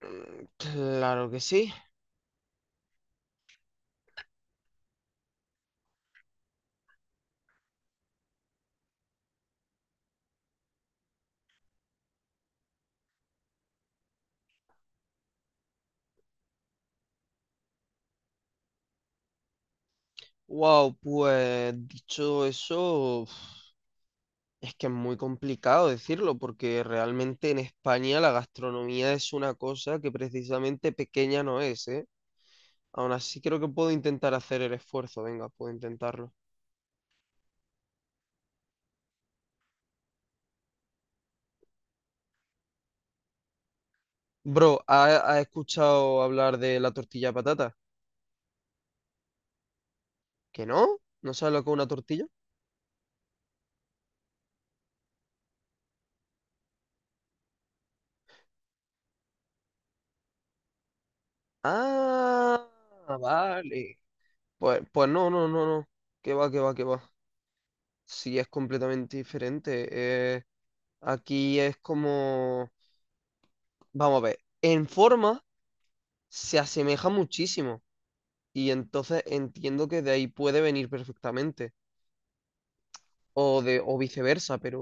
Mm, claro que sí. Wow, pues dicho eso, uf, es que es muy complicado decirlo porque realmente en España la gastronomía es una cosa que precisamente pequeña no es, ¿eh? Aún así creo que puedo intentar hacer el esfuerzo, venga, puedo intentarlo. Bro, ¿has escuchado hablar de la tortilla de patata? ¿Que no? ¿No sabes lo que es una tortilla? Ah, vale. Pues, pues no. Que va. Sí, es completamente diferente. Aquí es como, vamos a ver, en forma se asemeja muchísimo y entonces entiendo que de ahí puede venir perfectamente o de o viceversa, pero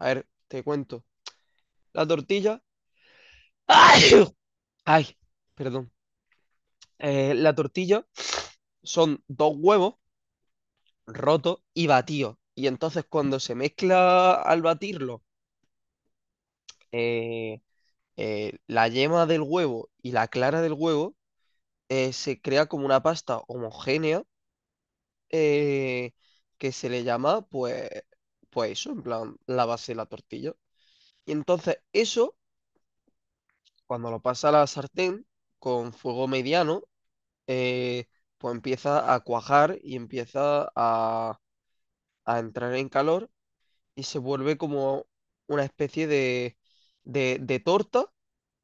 a ver, te cuento. La tortilla, ¡ay! Ay, perdón. La tortilla son dos huevos rotos y batidos y entonces cuando se mezcla al batirlo eh, la yema del huevo y la clara del huevo, se crea como una pasta homogénea, eh, que se le llama, pues, pues eso, en plan, la base de la tortilla. Y entonces eso, cuando lo pasa a la sartén con fuego mediano, eh, pues empieza a cuajar y empieza a entrar en calor y se vuelve como una especie de torta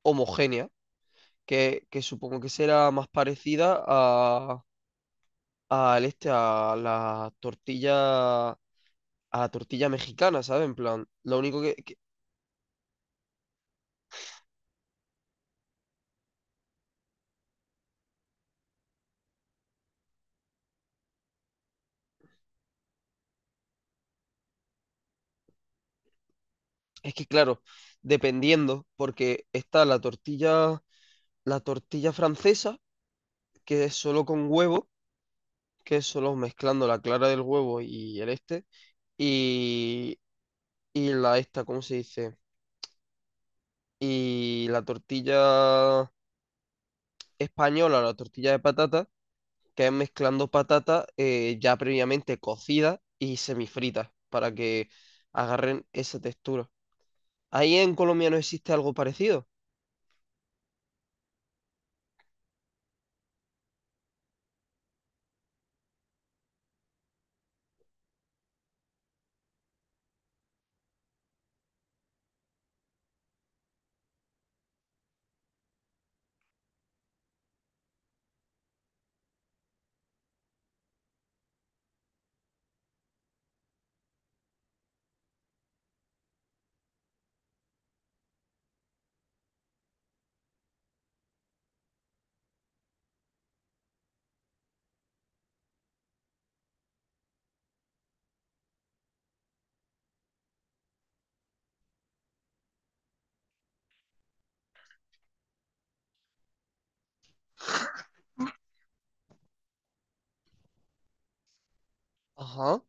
homogénea, que supongo que será más parecida a, al este, a la tortilla mexicana, ¿sabes? En plan, lo único que- es que, claro, dependiendo, porque está la tortilla francesa, que es solo con huevo, que es solo mezclando la clara del huevo y el este, y, y la esta, ¿cómo se dice? Y la tortilla española, la tortilla de patata, que es mezclando patata, ya previamente cocida y semifrita, para que agarren esa textura. Ahí en Colombia no existe algo parecido. Ajá,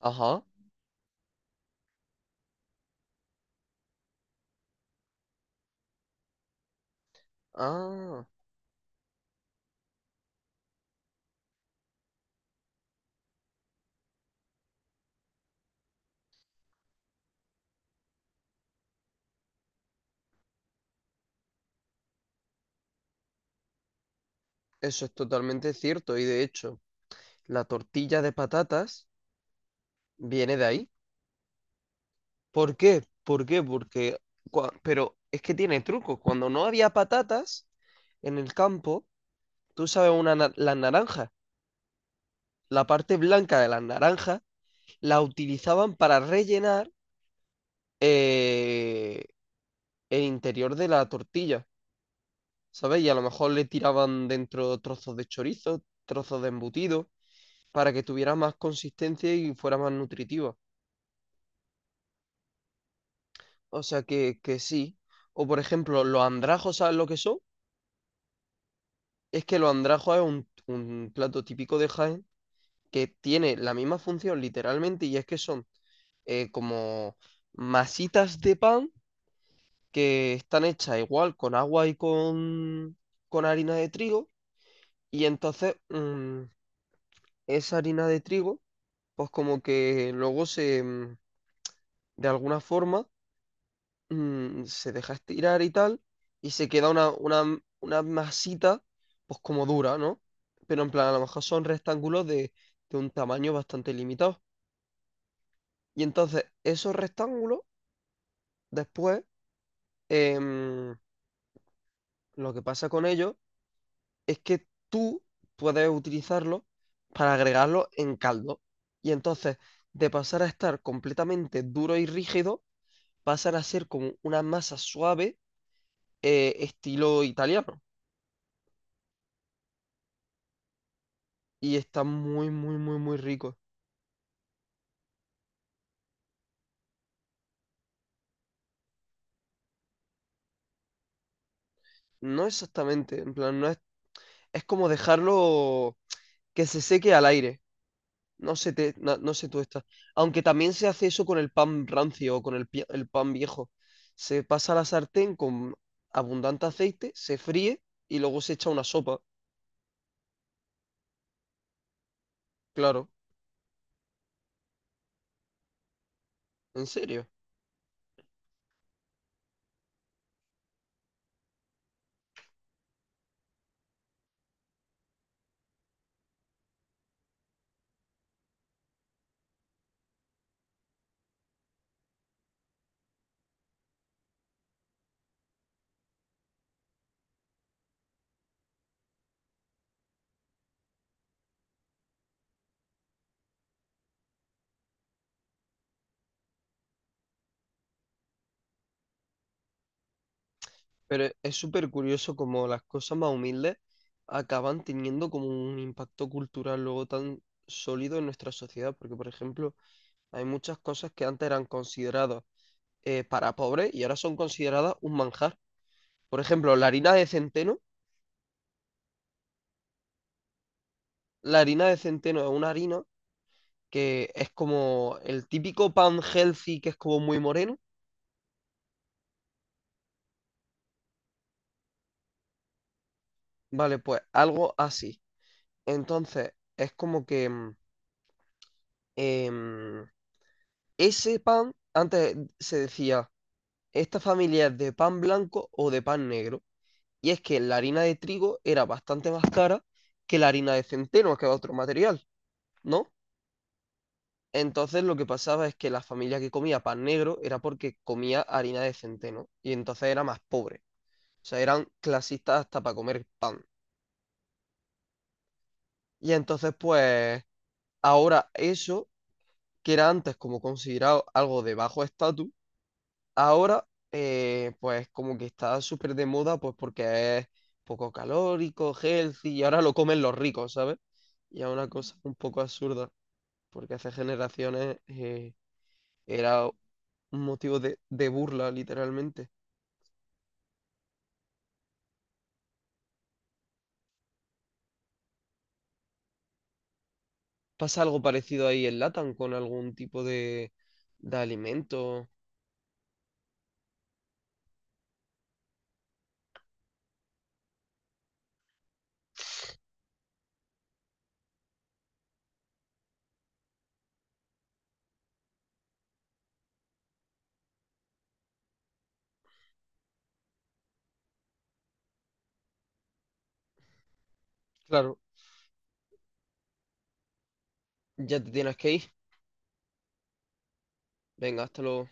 ajá. Ah, eso es totalmente cierto. Y de hecho, la tortilla de patatas viene de ahí. ¿Por qué? ¿Por qué? Porque... Pero es que tiene truco. Cuando no había patatas en el campo, tú sabes, las naranjas, la parte blanca de las naranjas, la utilizaban para rellenar, eh, el interior de la tortilla, ¿sabes? Y a lo mejor le tiraban dentro trozos de chorizo, trozos de embutido, para que tuviera más consistencia y fuera más nutritiva. O sea que sí. O por ejemplo, los andrajos, ¿sabes lo que son? Es que los andrajos es un plato típico de Jaén que tiene la misma función literalmente y es que son, como masitas de pan que están hechas igual con agua y con harina de trigo y entonces, mm, esa harina de trigo pues como que luego se, mm, de alguna forma, mm, se deja estirar y tal, y se queda una masita, pues como dura, ¿no? Pero en plan, a lo mejor son rectángulos de un tamaño bastante limitado. Y entonces, esos rectángulos, después, em, lo que pasa con ellos es que tú puedes utilizarlos para agregarlos en caldo. Y entonces, de pasar a estar completamente duro y rígido, pasan a ser como una masa suave, estilo italiano. Y está muy, muy, muy, muy rico. No exactamente, en plan, no es, es como dejarlo que se seque al aire, no, no se tuesta. Aunque también se hace eso con el pan rancio o con el, el pan viejo. Se pasa a la sartén con abundante aceite, se fríe y luego se echa una sopa, claro, en serio. Pero es súper curioso como las cosas más humildes acaban teniendo como un impacto cultural luego tan sólido en nuestra sociedad, porque por ejemplo... hay muchas cosas que antes eran consideradas, para pobres y ahora son consideradas un manjar. Por ejemplo, la harina de centeno. La harina de centeno es una harina que es como el típico pan healthy que es como muy moreno. Vale, pues algo así. Entonces, es como que, mm, em, ese pan, antes se decía, esta familia es de pan blanco o de pan negro. Y es que la harina de trigo era bastante más cara que la harina de centeno, que es otro material, ¿no? Entonces lo que pasaba es que la familia que comía pan negro era porque comía harina de centeno y entonces era más pobre. O sea, eran clasistas hasta para comer. Y entonces pues ahora eso, que era antes como considerado algo de bajo estatus, ahora, pues como que está súper de moda pues porque es poco calórico, healthy y ahora lo comen los ricos, ¿sabes? Y es una cosa un poco absurda porque hace generaciones, era un motivo de burla literalmente. ¿Pasa algo parecido ahí en LATAM con algún tipo de alimento? Claro. Ya te tienes que ir. Venga, hasta luego.